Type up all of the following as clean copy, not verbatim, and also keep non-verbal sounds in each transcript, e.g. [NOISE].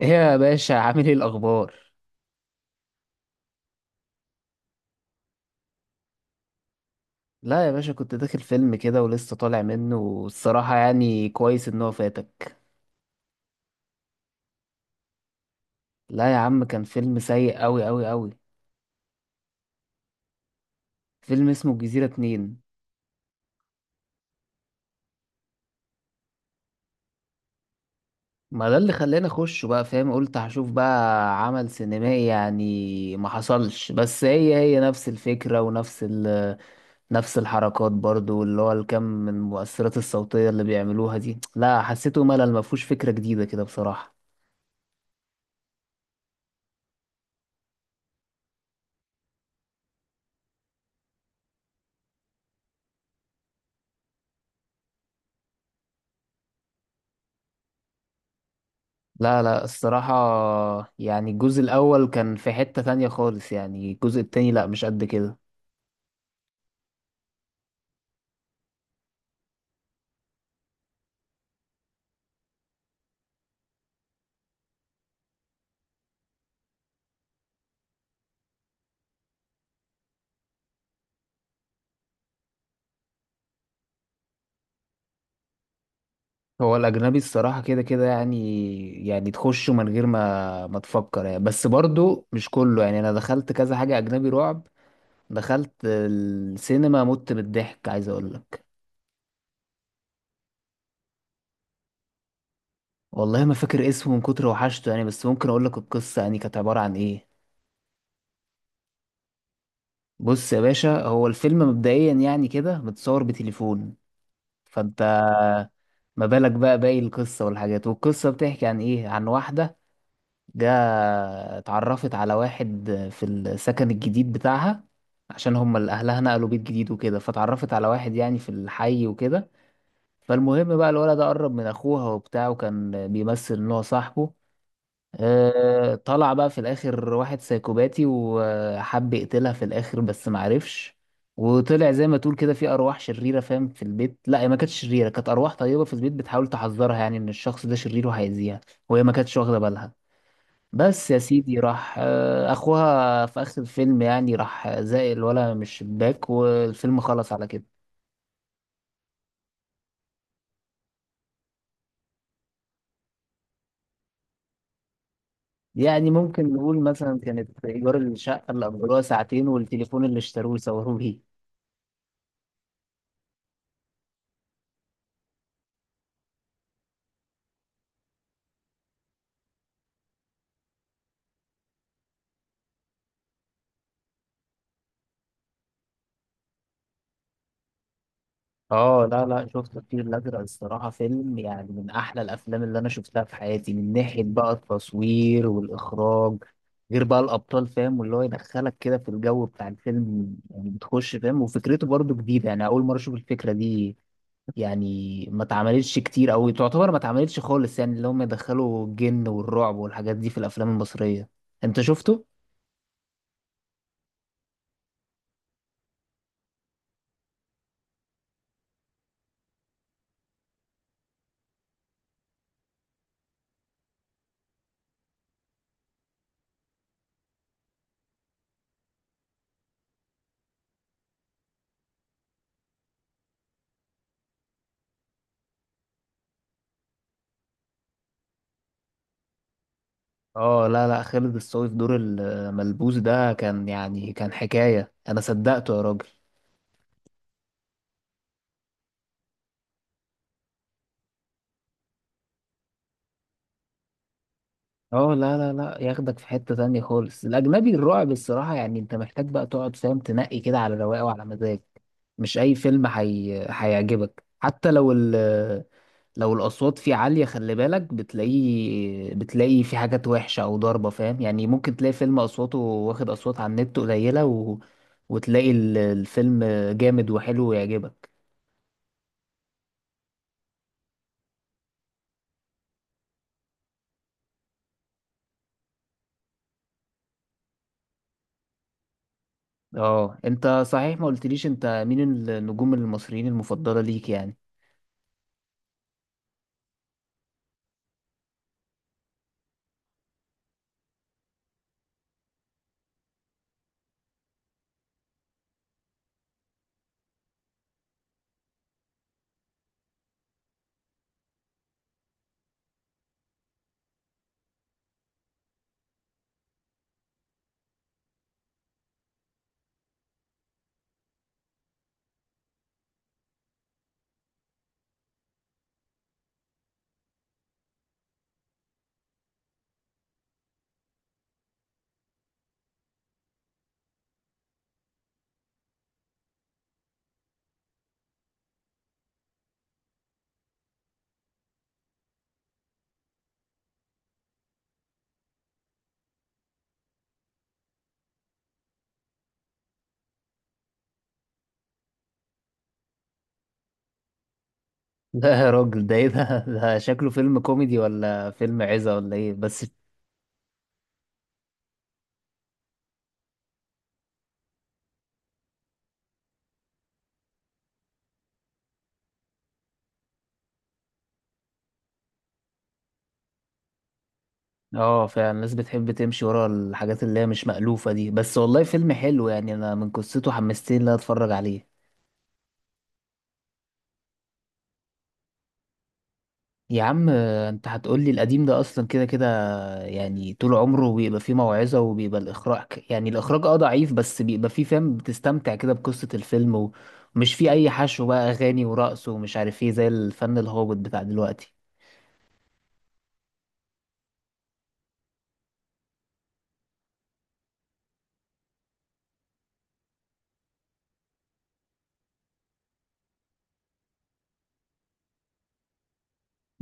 ايه يا باشا، عامل ايه الاخبار؟ لا يا باشا، كنت داخل فيلم كده ولسه طالع منه، والصراحة يعني كويس ان هو فاتك. لا يا عم، كان فيلم سيء اوي اوي اوي. فيلم اسمه الجزيرة اتنين. ما ده اللي خلاني اخشه بقى، فاهم؟ قلت هشوف بقى عمل سينمائي، يعني ما حصلش. بس هي نفس الفكرة ونفس نفس الحركات برضو، اللي هو الكم من المؤثرات الصوتية اللي بيعملوها دي، لا حسيته ملل، ما فيهوش فكرة جديدة كده بصراحة. لا لا، الصراحة يعني الجزء الأول كان في حتة تانية خالص، يعني الجزء التاني لا مش قد كده. هو الأجنبي الصراحة كده كده يعني. يعني تخشه من غير ما تفكر يعني، بس برضو مش كله. يعني أنا دخلت كذا حاجة أجنبي رعب، دخلت السينما مت بالضحك عايز أقول لك. والله ما فاكر اسمه من كتر وحشته يعني، بس ممكن أقول لك القصة، يعني كانت عبارة عن إيه. بص يا باشا، هو الفيلم مبدئيا يعني كده متصور بتليفون، فأنت... ما بالك بقى باقي القصة والحاجات. والقصة بتحكي عن ايه؟ عن واحدة، جا، اتعرفت على واحد في السكن الجديد بتاعها، عشان هم اللي اهلها نقلوا بيت جديد وكده، فتعرفت على واحد يعني في الحي وكده. فالمهم بقى الولد ده قرب من اخوها وبتاع، وكان بيمثل ان هو صاحبه. طلع بقى في الاخر واحد سايكوباتي وحب يقتلها في الاخر بس معرفش. وطلع زي ما تقول كده في ارواح شريره، فاهم؟ في البيت. لا هي ما كانتش شريره، كانت ارواح طيبه في البيت بتحاول تحذرها، يعني ان الشخص ده شرير وهيأذيها، وهي ما كانتش واخده بالها. بس يا سيدي راح اخوها في اخر الفيلم يعني راح زائل الولا مش شباك، والفيلم خلص على كده. يعني ممكن نقول مثلا كانت ايجار الشقه اللي اجروها ساعتين، والتليفون اللي اشتروه وصوروه بيه. اه، لا لا، شفت الفيل الازرق، الصراحه فيلم يعني من احلى الافلام اللي انا شفتها في حياتي، من ناحيه بقى التصوير والاخراج، غير بقى الابطال، فاهم؟ واللي هو يدخلك كده في الجو بتاع الفيلم، يعني بتخش فاهم، وفكرته برضو جديده، يعني اول مره اشوف الفكره دي. يعني ما اتعملتش كتير او تعتبر ما اتعملتش خالص، يعني اللي هم يدخلوا الجن والرعب والحاجات دي في الافلام المصريه. انت شفته؟ اه، لا لا، خالد الصاوي في دور الملبوس ده كان يعني كان حكايه، انا صدقته يا راجل. اه، لا لا لا، ياخدك في حتة تانية خالص. الأجنبي الرعب الصراحة يعني أنت محتاج بقى تقعد، فاهم؟ تنقي كده على رواقه وعلى مزاج. مش أي فيلم هيعجبك، حتى لو لو الأصوات فيه عالية. خلي بالك بتلاقي في حاجات وحشة أو ضربة، فاهم؟ يعني ممكن تلاقي فيلم أصواته واخد أصوات على النت قليلة وتلاقي الفيلم جامد وحلو ويعجبك. اه أنت صحيح ما قلتليش، أنت مين النجوم المصريين المفضلة ليك يعني؟ لا يا راجل، ده ايه ده؟ [LAUGHS] ده شكله فيلم كوميدي ولا فيلم عزة ولا ايه بس؟ اه فعلا، الناس بتحب تمشي ورا الحاجات اللي هي مش مألوفة دي، بس والله فيلم حلو يعني، انا من قصته حمستني ان انا اتفرج عليه. يا عم، انت هتقولي القديم ده اصلا كده كده، يعني طول عمره بيبقى فيه موعظة، وبيبقى الاخراج يعني الاخراج ضعيف، بس بيبقى فيه فاهم بتستمتع كده بقصة الفيلم، ومش فيه اي حشو بقى، اغاني ورقص ومش عارف ايه، زي الفن الهابط بتاع دلوقتي.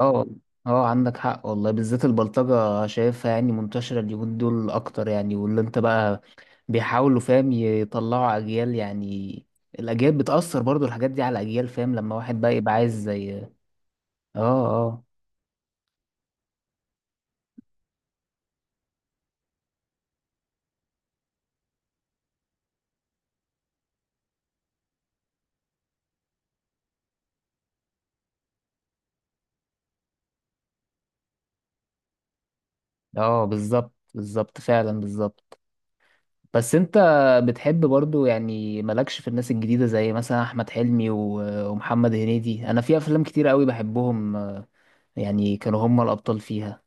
اه والله. اه، عندك حق والله، بالذات البلطجة شايفها يعني منتشرة اليومين دول أكتر يعني، واللي أنت بقى بيحاولوا فاهم يطلعوا أجيال، يعني الأجيال بتأثر برضو الحاجات دي على الأجيال، فاهم؟ لما واحد بقى يبقى عايز زي اه اه، بالظبط بالظبط فعلا بالظبط. بس أنت بتحب برضو يعني مالكش في الناس الجديدة زي مثلا أحمد حلمي ومحمد هنيدي؟ أنا في أفلام كتير قوي بحبهم، يعني كانوا هم الأبطال فيها.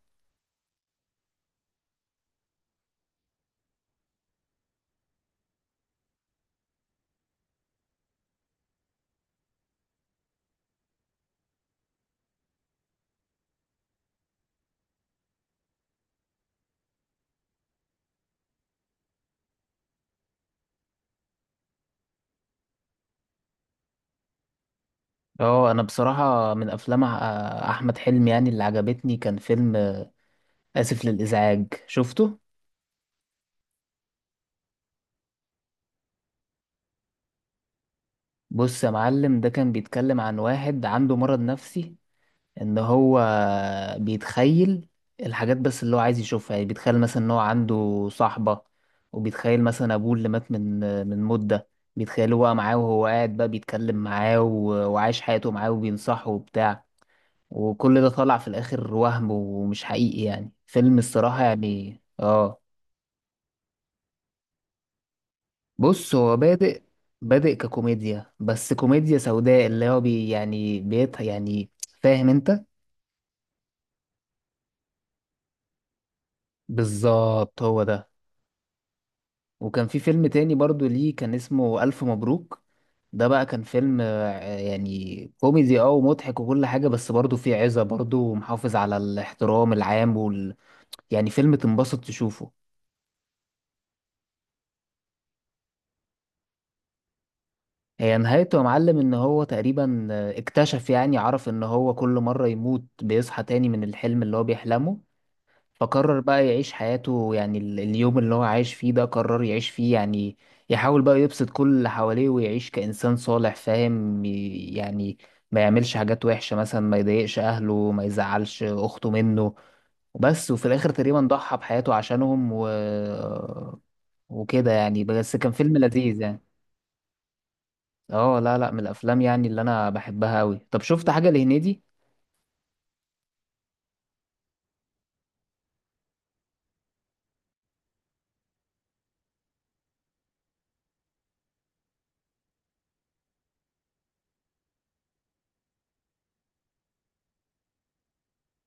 اه، انا بصراحة من افلام احمد حلمي يعني اللي عجبتني كان فيلم اسف للازعاج، شفته؟ بص يا معلم، ده كان بيتكلم عن واحد عنده مرض نفسي، ان هو بيتخيل الحاجات بس اللي هو عايز يشوفها. يعني بيتخيل مثلا ان هو عنده صاحبة، وبيتخيل مثلا ابوه اللي مات من مدة، بيتخيل هو معاه وهو قاعد بقى بيتكلم معاه وعايش حياته معاه وبينصحه وبتاع. وكل ده طلع في الاخر وهم ومش حقيقي، يعني فيلم الصراحة يعني اه بص، هو بادئ ككوميديا، بس كوميديا سوداء اللي هو يعني بيت يعني، فاهم انت؟ بالظبط هو ده. وكان في فيلم تاني برضو ليه، كان اسمه ألف مبروك. ده بقى كان فيلم يعني كوميدي ومضحك وكل حاجة، بس برضو فيه عزة برضو ومحافظ على الاحترام العام يعني فيلم تنبسط تشوفه. هي نهايته يا معلم ان هو تقريبا اكتشف، يعني عرف ان هو كل مرة يموت بيصحى تاني من الحلم اللي هو بيحلمه، فقرر بقى يعيش حياته، يعني اليوم اللي هو عايش فيه ده قرر يعيش فيه، يعني يحاول بقى يبسط كل اللي حواليه ويعيش كإنسان صالح، فاهم؟ يعني ما يعملش حاجات وحشة مثلا، ما يضايقش أهله، ما يزعلش أخته منه. وبس، وفي الآخر تقريبا ضحى بحياته عشانهم وكده يعني، بس كان فيلم لذيذ يعني. اه، لا لا، من الافلام يعني اللي انا بحبها قوي. طب شفت حاجه لهنيدي؟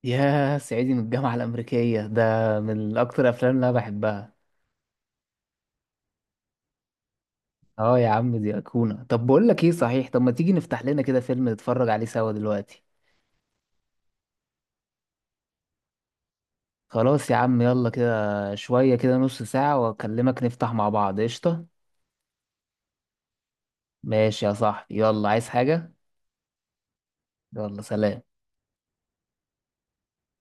يا صعيدي من الجامعه الامريكيه ده من اكتر الافلام اللي انا بحبها. اه يا عم، دي ايقونه. طب بقول لك ايه صحيح، طب ما تيجي نفتح لنا كده فيلم نتفرج عليه سوا دلوقتي؟ خلاص يا عم، يلا كده شويه كده، نص ساعه واكلمك نفتح مع بعض قشطه. ماشي يا صاحبي، يلا عايز حاجه؟ يلا سلام.